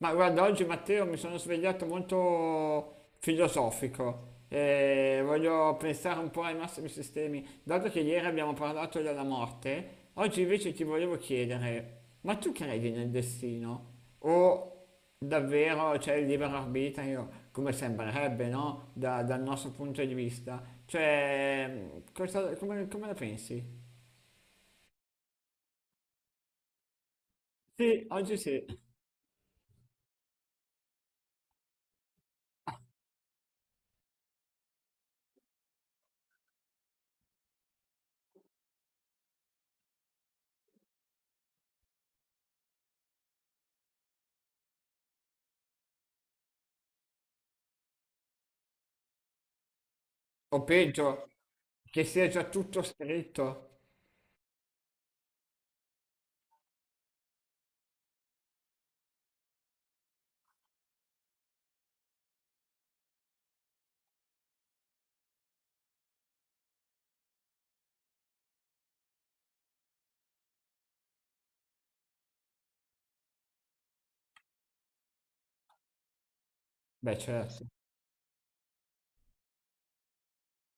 Ma guarda, oggi Matteo mi sono svegliato molto filosofico e voglio pensare un po' ai massimi sistemi. Dato che ieri abbiamo parlato della morte, oggi invece ti volevo chiedere, ma tu credi nel destino? O davvero c'è il libero arbitrio, come sembrerebbe, no? Dal nostro punto di vista. Cioè, come, come la pensi? Sì, oggi sì. O peggio, che sia già tutto scritto. Beh, certo.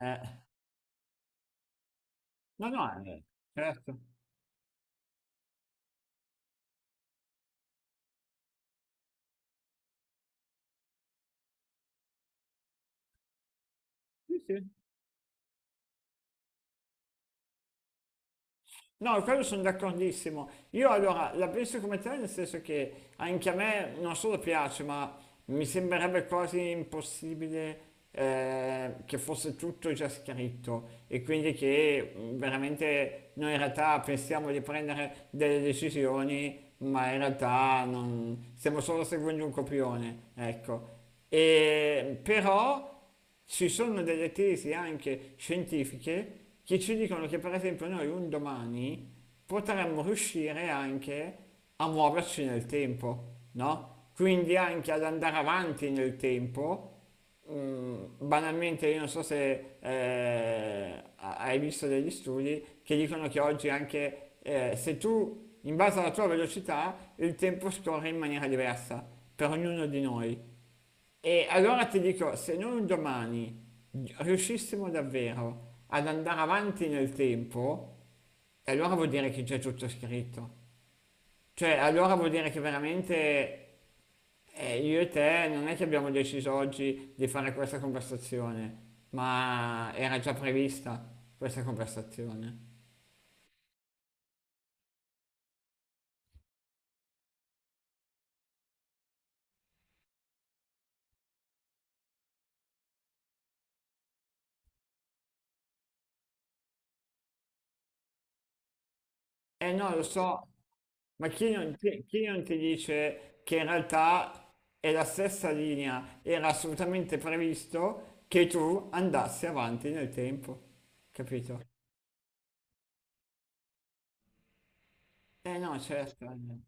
Eh, no, no, certo. Sì, sì. No, quello sono d'accordissimo. Io allora la penso come te, nel senso che anche a me non solo piace, ma mi sembrerebbe quasi impossibile che fosse tutto già scritto e quindi che veramente noi in realtà pensiamo di prendere delle decisioni, ma in realtà non stiamo solo seguendo un copione, ecco. E però ci sono delle tesi anche scientifiche che ci dicono che per esempio noi un domani potremmo riuscire anche a muoverci nel tempo, no? Quindi anche ad andare avanti nel tempo. Mm, banalmente io non so se hai visto degli studi che dicono che oggi anche se tu in base alla tua velocità il tempo scorre in maniera diversa per ognuno di noi. E allora ti dico, se noi un domani riuscissimo davvero ad andare avanti nel tempo, e allora vuol dire che c'è tutto scritto. Cioè, allora vuol dire che veramente io e te non è che abbiamo deciso oggi di fare questa conversazione, ma era già prevista questa conversazione. Eh no, lo so. Ma chi non ti dice che in realtà è la stessa linea, era assolutamente previsto che tu andassi avanti nel tempo, capito? Eh no, certo.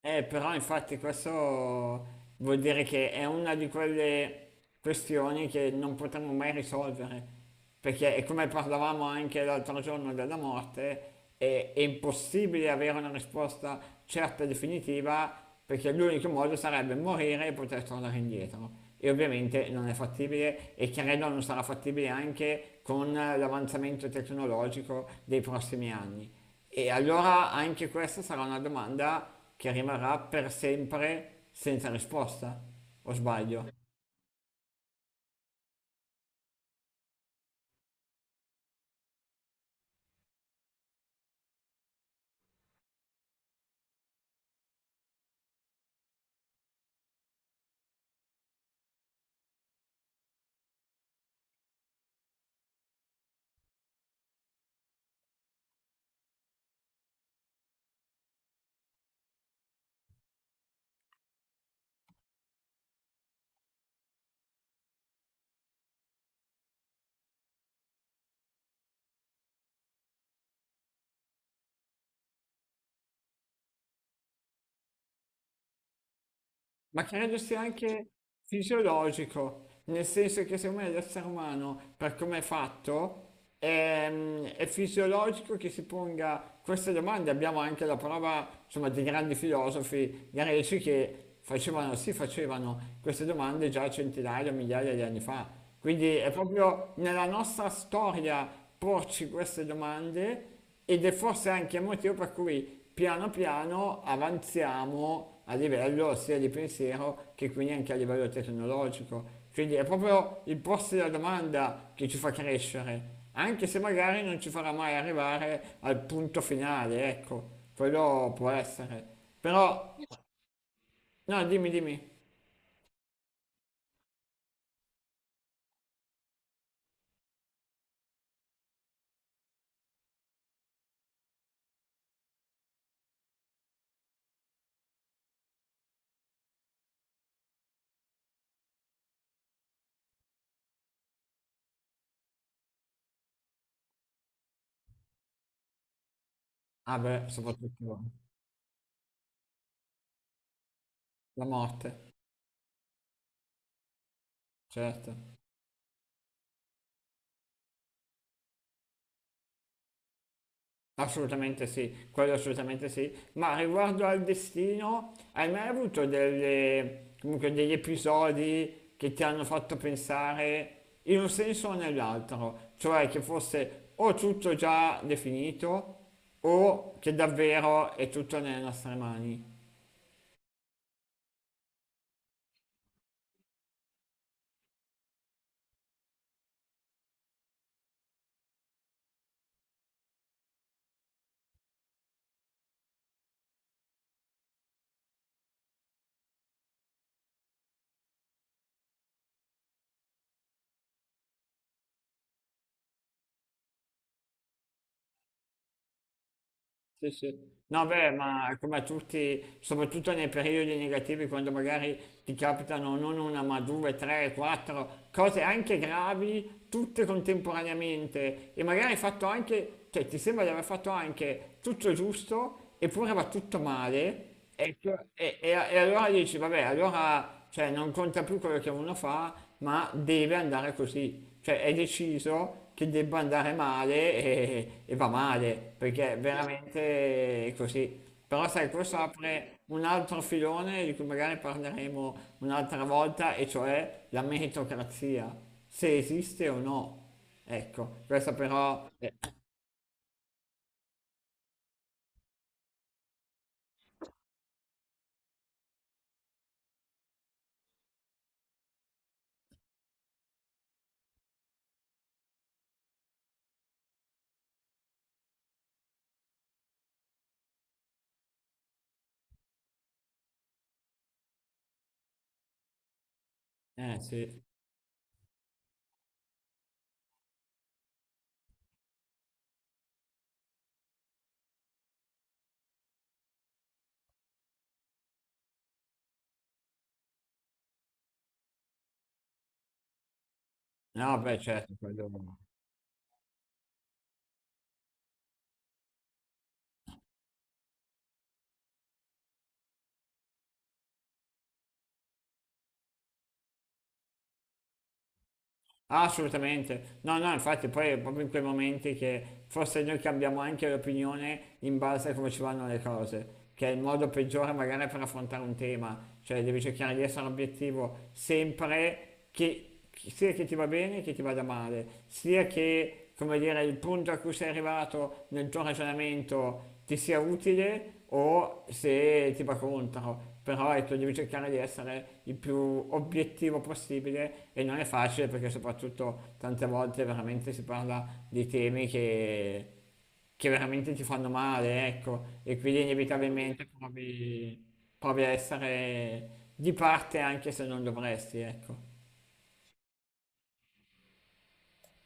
Però infatti questo vuol dire che è una di quelle questioni che non potremo mai risolvere, perché è come parlavamo anche l'altro giorno della morte, è impossibile avere una risposta certa e definitiva, perché l'unico modo sarebbe morire e poter tornare indietro. E ovviamente non è fattibile e credo non sarà fattibile anche con l'avanzamento tecnologico dei prossimi anni. E allora anche questa sarà una domanda che rimarrà per sempre senza risposta, o sbaglio? Ma credo sia anche fisiologico, nel senso che secondo me l'essere umano, per come è fatto, è fisiologico che si ponga queste domande. Abbiamo anche la prova, insomma, di grandi filosofi greci che facevano, si facevano queste domande già centinaia, migliaia di anni fa. Quindi è proprio nella nostra storia porci queste domande ed è forse anche il motivo per cui piano piano avanziamo a livello sia di pensiero che quindi anche a livello tecnologico. Quindi è proprio il porsi la domanda che ci fa crescere, anche se magari non ci farà mai arrivare al punto finale, ecco, quello può essere. Però no, dimmi, dimmi. Ah beh, soprattutto la morte, certo. Assolutamente sì, quello assolutamente sì, ma riguardo al destino, hai mai avuto comunque degli episodi che ti hanno fatto pensare in un senso o nell'altro? Cioè che fosse o tutto già definito o che davvero è tutto nelle nostre mani? Sì, sì. No, beh, ma come a tutti, soprattutto nei periodi negativi, quando magari ti capitano non una, ma due, tre, quattro cose anche gravi, tutte contemporaneamente, e magari hai fatto anche, cioè ti sembra di aver fatto anche tutto giusto, eppure va tutto male, e allora dici, vabbè, allora cioè, non conta più quello che uno fa, ma deve andare così. Cioè è deciso che debba andare male e va male, perché veramente è così. Però sai, questo apre un altro filone di cui magari parleremo un'altra volta, e cioè la meritocrazia, se esiste o no. Ecco, questa però... sì, no, beh, certo. Ah, assolutamente, no, no, infatti poi è proprio in quei momenti che forse noi cambiamo anche l'opinione in base a come ci vanno le cose, che è il modo peggiore magari per affrontare un tema, cioè devi cercare di essere obiettivo sempre sia che ti va bene che ti vada male, sia che, come dire, il punto a cui sei arrivato nel tuo ragionamento ti sia utile o se ti va contro però ecco, devi cercare di essere il più obiettivo possibile e non è facile perché soprattutto tante volte veramente si parla di temi che veramente ti fanno male, ecco, e quindi inevitabilmente provi, provi a essere di parte anche se non dovresti, ecco.